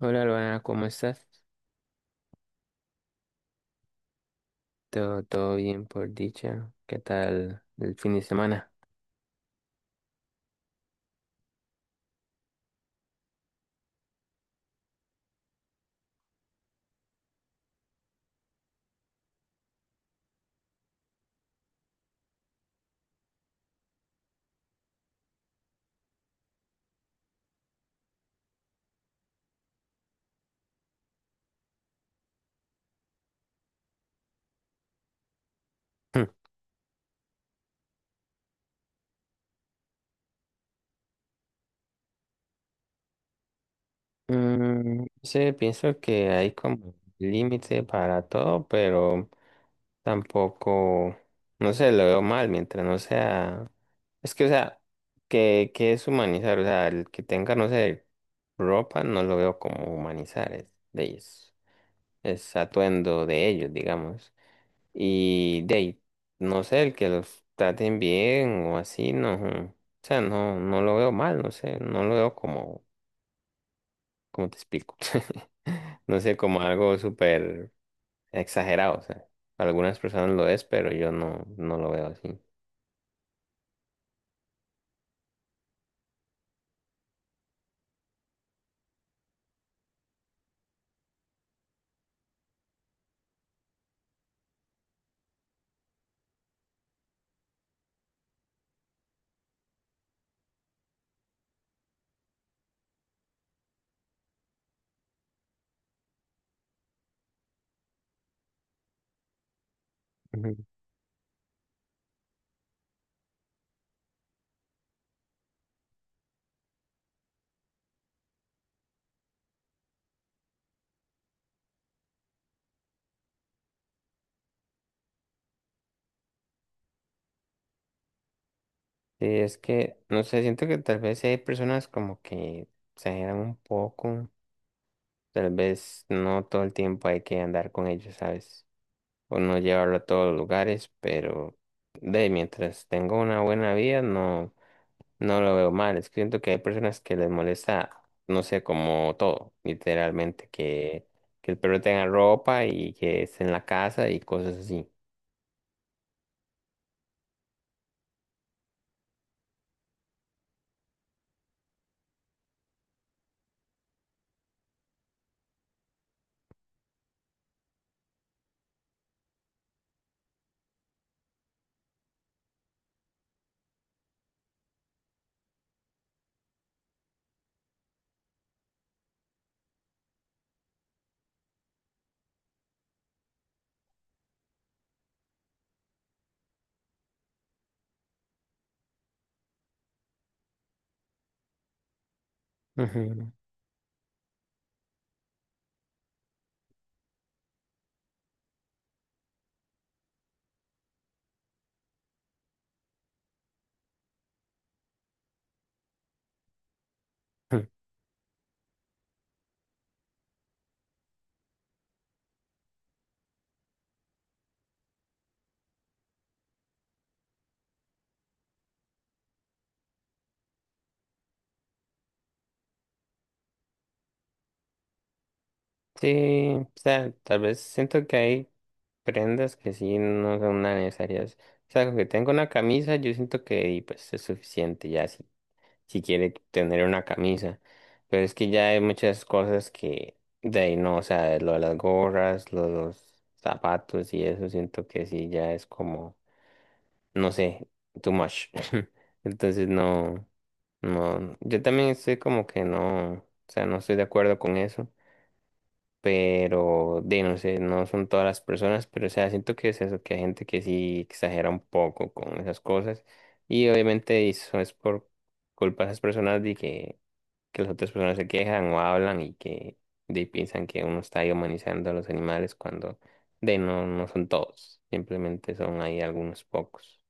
Hola, Luana, ¿cómo estás? Todo bien por dicha. ¿Qué tal el fin de semana? Hmm. Sí, pienso que hay como límite para todo, pero tampoco, no sé, lo veo mal mientras no sea, es que, o sea, que es humanizar, o sea, el que tenga, no sé, ropa, no lo veo como humanizar, es de ellos, es atuendo de ellos, digamos. Y de ahí, no sé, el que los traten bien o así, no. O sea, no lo veo mal, no sé, no lo veo como, como te explico. No sé, como algo súper exagerado, o sea, para algunas personas lo es, pero yo no lo veo así. Ujú. Sí, es que, no sé, siento que tal vez hay personas como que exageran un poco, tal vez no todo el tiempo hay que andar con ellos, ¿sabes? O no llevarlo a todos los lugares, pero de mientras tengo una buena vida, no lo veo mal. Es que siento que hay personas que les molesta, no sé, como todo, literalmente, que el perro tenga ropa y que esté en la casa y cosas así. Ujú. Sí, o sea, tal vez siento que hay prendas que sí no son tan necesarias. O sea, con que tengo una camisa, yo siento que y, pues es suficiente, ya si si quiere tener una camisa. Pero es que ya hay muchas cosas que de ahí no, o sea, lo de las gorras, lo de los zapatos y eso, siento que sí, ya es como, no sé, too much. Entonces no, yo también estoy como que no, o sea, no estoy de acuerdo con eso. Pero, de no sé, no son todas las personas, pero o sea, siento que es eso, que hay gente que sí exagera un poco con esas cosas. Y obviamente eso es por culpa de esas personas de que las otras personas se quejan o hablan y que de, piensan que uno está ahí humanizando a los animales cuando de no, no son todos, simplemente son ahí algunos pocos.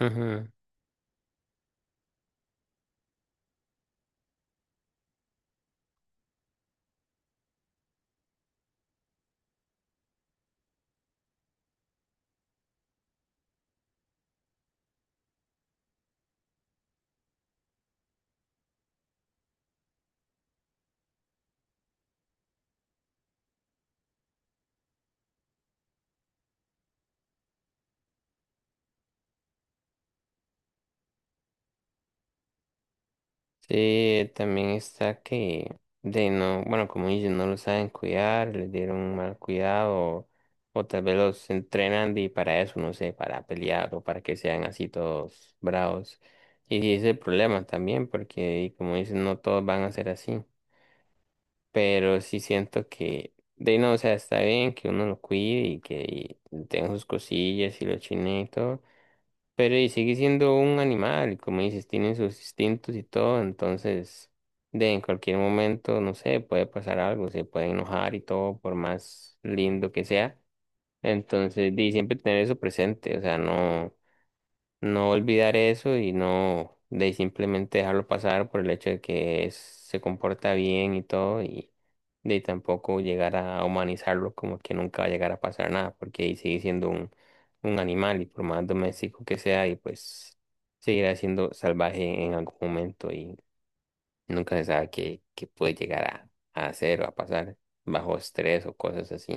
Ujú, ujú. Sí, también está que de no, bueno, como dicen, no los saben cuidar, les dieron un mal cuidado o tal vez los entrenan y para eso, no sé, para pelear o para que sean así todos bravos. Y ese es el problema también, porque y como dicen, no todos van a ser así. Pero sí siento que, de ahí no, o sea, está bien que uno lo cuide y que tenga sus cosillas y lo chine y todo, pero y sigue siendo un animal, y como dices, tiene sus instintos y todo, entonces, de en cualquier momento, no sé, puede pasar algo, se puede enojar y todo, por más lindo que sea, entonces, de siempre tener eso presente, o sea, no no olvidar eso y no de simplemente dejarlo pasar por el hecho de que se comporta bien y todo y de tampoco llegar a humanizarlo como que nunca va a llegar a pasar nada porque ahí sigue siendo un animal y por más doméstico que sea y pues seguirá siendo salvaje en algún momento y nunca se sabe qué puede llegar a hacer o a pasar bajo estrés o cosas así.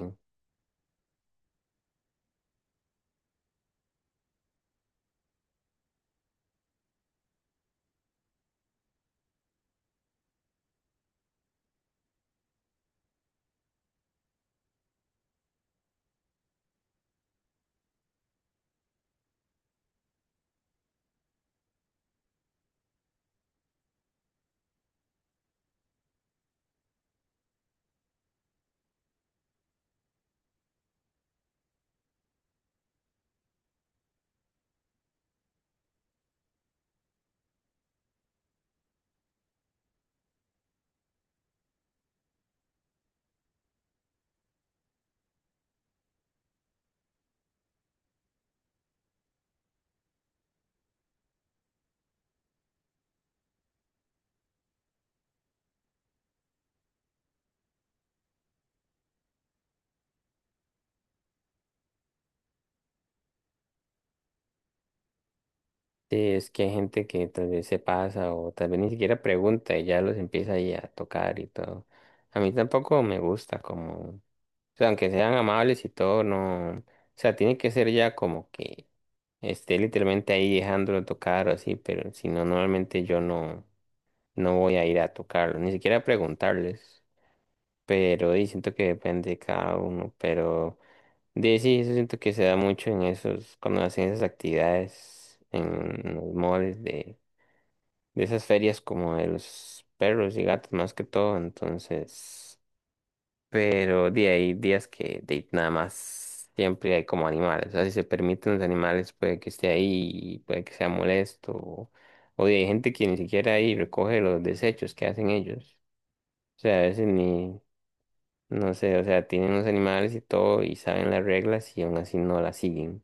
Sí, es que hay gente que tal vez se pasa o tal vez ni siquiera pregunta y ya los empieza ahí a tocar y todo. A mí tampoco me gusta como, o sea, aunque sean amables y todo, no, o sea, tiene que ser ya como que esté literalmente ahí dejándolo tocar o así, pero si no, normalmente yo no voy a ir a tocarlo, ni siquiera a preguntarles, pero y siento que depende de cada uno, pero de sí, eso siento que se da mucho en esos, cuando hacen esas actividades en los moles de esas ferias como de los perros y gatos más que todo, entonces, pero de ahí días que de, ahí nada más siempre hay como animales, o sea, si se permiten los animales puede que esté ahí, puede que sea molesto, o de ahí hay gente que ni siquiera ahí recoge los desechos que hacen ellos, o sea, a veces ni, no sé, o sea, tienen los animales y todo y saben las reglas y aún así no las siguen.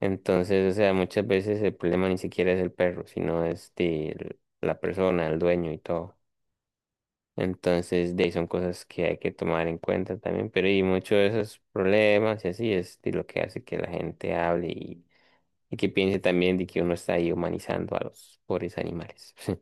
Entonces, o sea, muchas veces el problema ni siquiera es el perro, sino es de la persona, el dueño y todo. Entonces, de ahí son cosas que hay que tomar en cuenta también, pero y muchos de esos problemas y así es de lo que hace que la gente hable y que piense también de que uno está ahí humanizando a los pobres animales.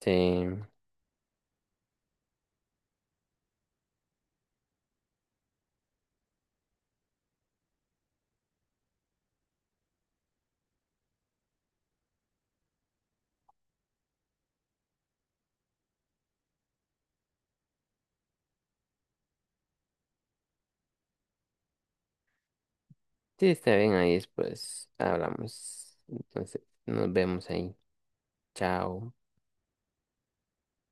Sí, sí, está bien, ahí después hablamos. Entonces, nos vemos ahí. Chao.